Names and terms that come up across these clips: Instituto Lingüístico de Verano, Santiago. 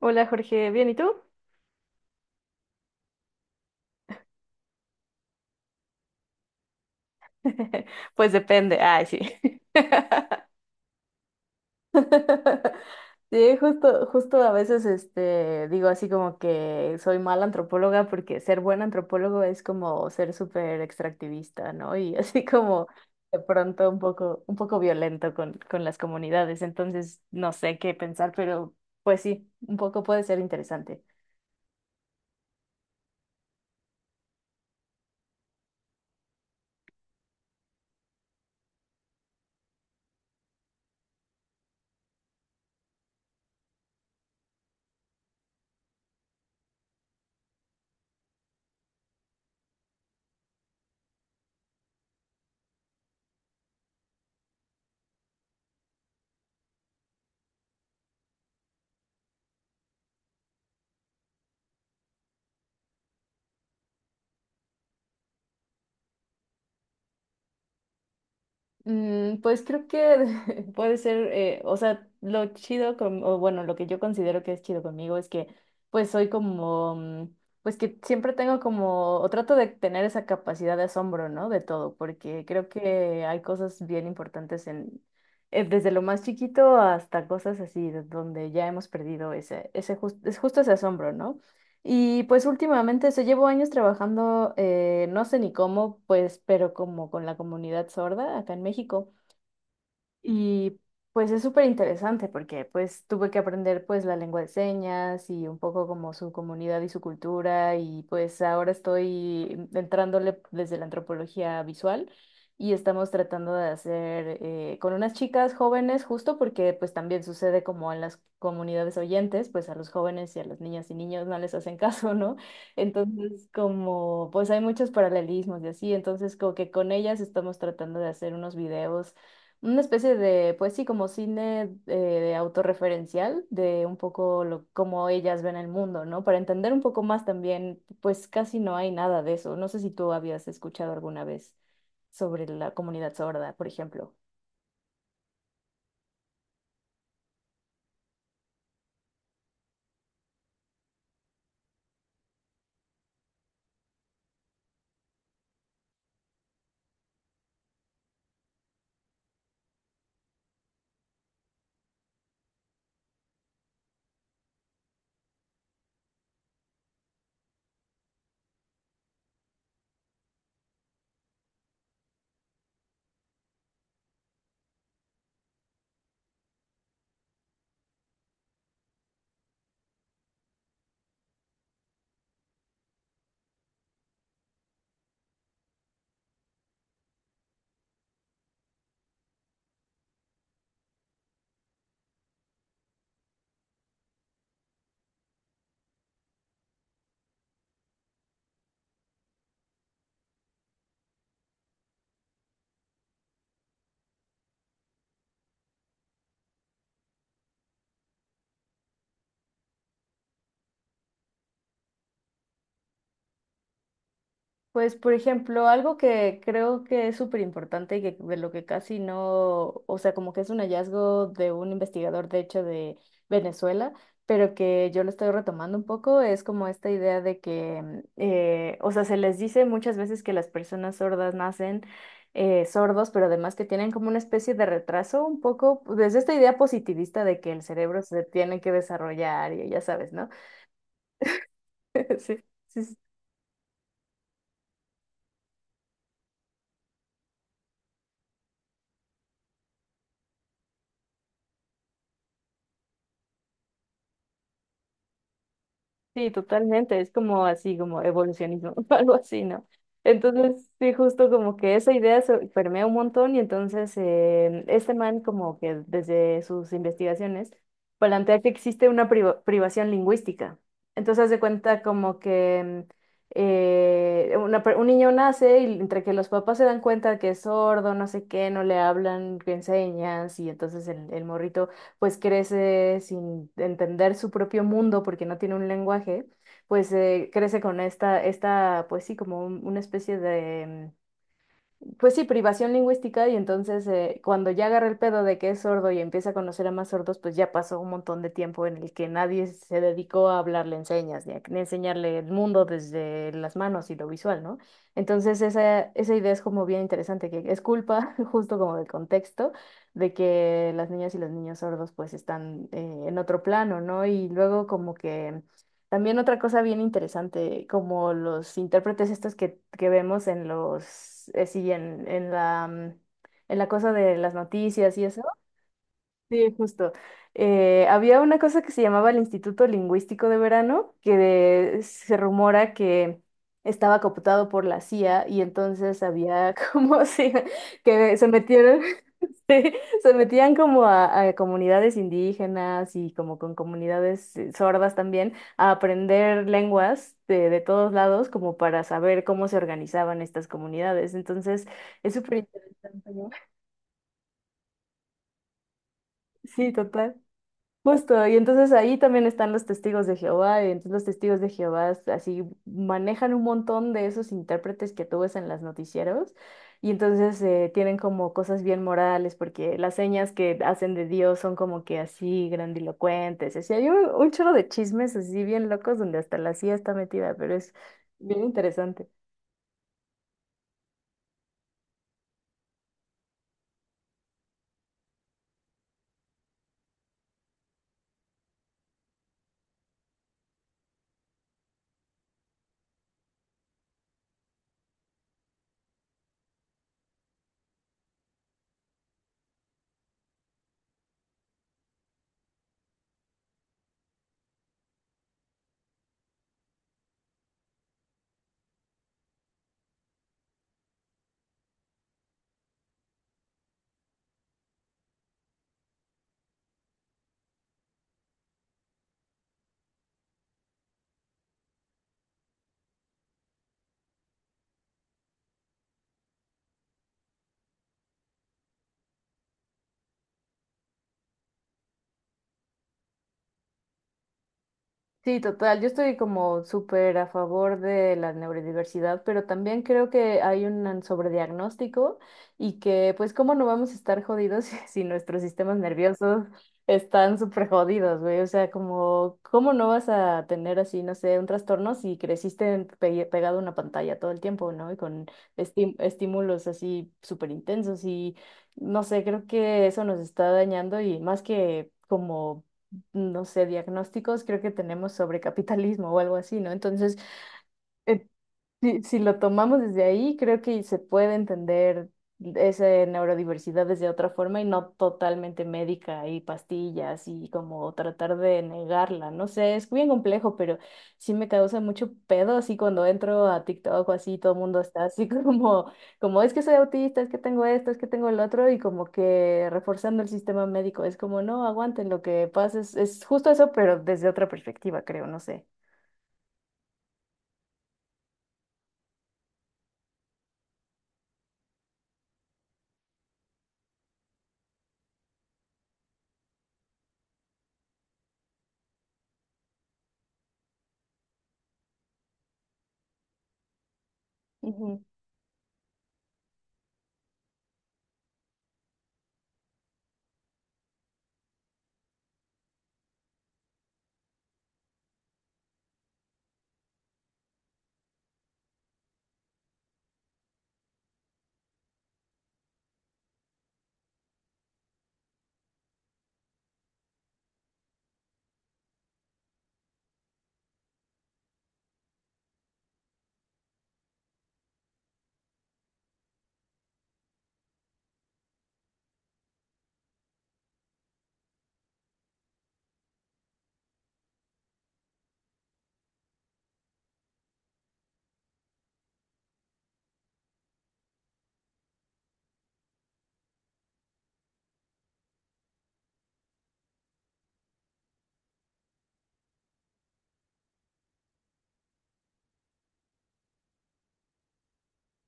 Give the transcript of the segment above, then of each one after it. Hola Jorge, ¿bien y tú? Pues depende, ay sí. Sí, justo, justo a veces, digo así como que soy mala antropóloga porque ser buen antropólogo es como ser súper extractivista, ¿no? Y así como de pronto un poco violento con las comunidades, entonces no sé qué pensar, pero pues sí, un poco puede ser interesante. Pues creo que puede ser, o sea, lo chido con, o bueno, lo que yo considero que es chido conmigo es que pues soy como, pues que siempre tengo como, o trato de tener esa capacidad de asombro, ¿no? De todo, porque creo que hay cosas bien importantes en, desde lo más chiquito hasta cosas así, de donde ya hemos perdido ese, es justo ese asombro, ¿no? Y pues últimamente, se llevo años trabajando, no sé ni cómo, pues, pero como con la comunidad sorda acá en México. Y pues es súper interesante porque pues tuve que aprender pues la lengua de señas y un poco como su comunidad y su cultura y pues ahora estoy entrándole desde la antropología visual y estamos tratando de hacer con unas chicas jóvenes justo porque pues también sucede como en las comunidades oyentes pues a los jóvenes y a las niñas y niños no les hacen caso, ¿no? Entonces, como, pues hay muchos paralelismos y así, entonces como que con ellas estamos tratando de hacer unos videos, una especie de, pues sí, como cine autorreferencial de un poco lo, cómo ellas ven el mundo, ¿no? Para entender un poco más también, pues casi no hay nada de eso. No sé si tú habías escuchado alguna vez sobre la comunidad sorda, por ejemplo. Pues, por ejemplo, algo que creo que es súper importante y que de lo que casi no, o sea, como que es un hallazgo de un investigador, de hecho, de Venezuela, pero que yo lo estoy retomando un poco, es como esta idea de que, o sea, se les dice muchas veces que las personas sordas nacen sordos, pero además que tienen como una especie de retraso un poco, pues, desde esta idea positivista de que el cerebro se tiene que desarrollar y ya sabes, ¿no? Sí, sí, sí. Sí, totalmente, es como así, como evolucionismo, algo así, ¿no? Entonces, sí, justo como que esa idea se permea un montón y entonces este man como que desde sus investigaciones plantea que existe una privación lingüística. Entonces, hace cuenta como que un niño nace y entre que los papás se dan cuenta que es sordo, no sé qué, no le hablan, que enseñas y entonces el morrito pues crece sin entender su propio mundo porque no tiene un lenguaje, pues crece con esta, pues sí, como una especie de, pues sí, privación lingüística y entonces cuando ya agarra el pedo de que es sordo y empieza a conocer a más sordos, pues ya pasó un montón de tiempo en el que nadie se dedicó a hablarle en señas, ni a enseñarle el mundo desde las manos y lo visual, ¿no? Entonces esa idea es como bien interesante, que es culpa justo como del contexto de que las niñas y los niños sordos pues están en otro plano, ¿no? Y luego como que... También otra cosa bien interesante, como los intérpretes estos que vemos en los, sí, en la, en la cosa de las noticias y eso. Sí, justo. Había una cosa que se llamaba el Instituto Lingüístico de Verano, que se rumora que estaba cooptado por la CIA y entonces había como que se metieron, sí, se metían como a comunidades indígenas y como con comunidades sordas también a aprender lenguas de todos lados como para saber cómo se organizaban estas comunidades. Entonces, es súper interesante, ¿no? Sí, total. Justo, y entonces ahí también están los testigos de Jehová, y entonces los testigos de Jehová así manejan un montón de esos intérpretes que tú ves en las noticieros, y entonces tienen como cosas bien morales, porque las señas que hacen de Dios son como que así grandilocuentes, así hay un chorro de chismes así bien locos donde hasta la CIA está metida, pero es bien interesante. Sí, total. Yo estoy como súper a favor de la neurodiversidad, pero también creo que hay un sobrediagnóstico y que pues cómo no vamos a estar jodidos si, si nuestros sistemas nerviosos están súper jodidos, güey. O sea, como cómo no vas a tener así, no sé, un trastorno si creciste pegado a una pantalla todo el tiempo, ¿no? Y con estímulos así súper intensos y no sé, creo que eso nos está dañando y más que... como no sé, diagnósticos creo que tenemos sobre capitalismo o algo así, ¿no? Entonces, eh, si, si lo tomamos desde ahí, creo que se puede entender esa neurodiversidad desde otra forma y no totalmente médica y pastillas y como tratar de negarla. No sé, es bien complejo, pero sí me causa mucho pedo así cuando entro a TikTok o así, todo el mundo está así como, como es que soy autista, es que tengo esto, es que tengo el otro y como que reforzando el sistema médico. Es como, no, aguanten, lo que pasa es justo eso, pero desde otra perspectiva, creo, no sé. Ujú.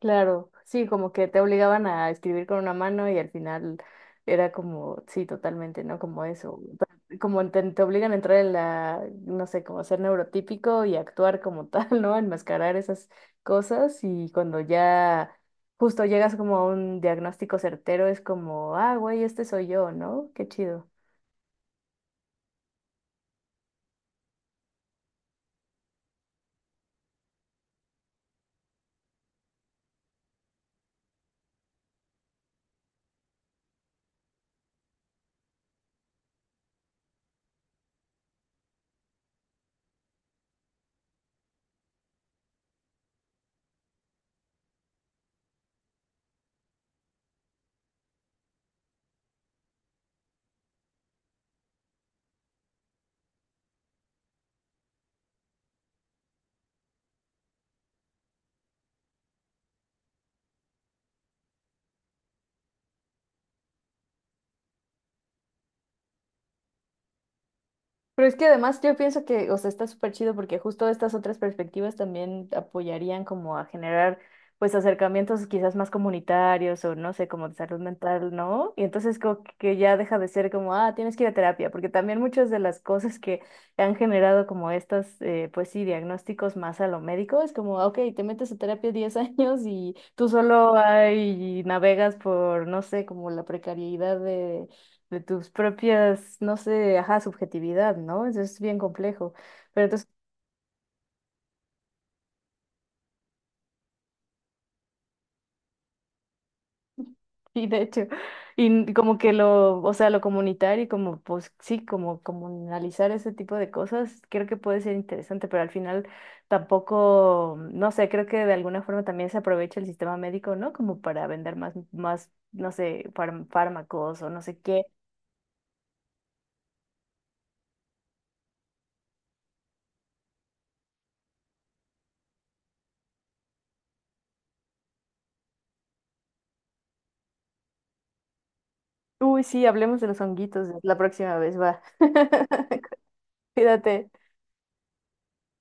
Claro, sí, como que te obligaban a escribir con una mano y al final era como, sí, totalmente, ¿no? Como eso, como te obligan a entrar en la, no sé, como ser neurotípico y actuar como tal, ¿no? Enmascarar esas cosas y cuando ya justo llegas como a un diagnóstico certero es como, ah, güey, este soy yo, ¿no? Qué chido. Pero es que además yo pienso que, o sea, está súper chido porque justo estas otras perspectivas también apoyarían como a generar pues acercamientos quizás más comunitarios o no sé, como de salud mental, ¿no? Y entonces como que ya deja de ser como, ah, tienes que ir a terapia, porque también muchas de las cosas que han generado como estas, pues sí, diagnósticos más a lo médico, es como, ah, ok, te metes a terapia 10 años y tú solo ahí navegas por, no sé, como la precariedad de tus propias, no sé, ajá, subjetividad, ¿no? Eso es bien complejo. Pero entonces, sí, de hecho, y como que lo, o sea, lo comunitario y como, pues sí, como comunalizar ese tipo de cosas, creo que puede ser interesante, pero al final tampoco, no sé, creo que de alguna forma también se aprovecha el sistema médico, ¿no? Como para vender más, más, no sé, fármacos o no sé qué. Uy, sí, hablemos de los honguitos la próxima vez, va. Cuídate.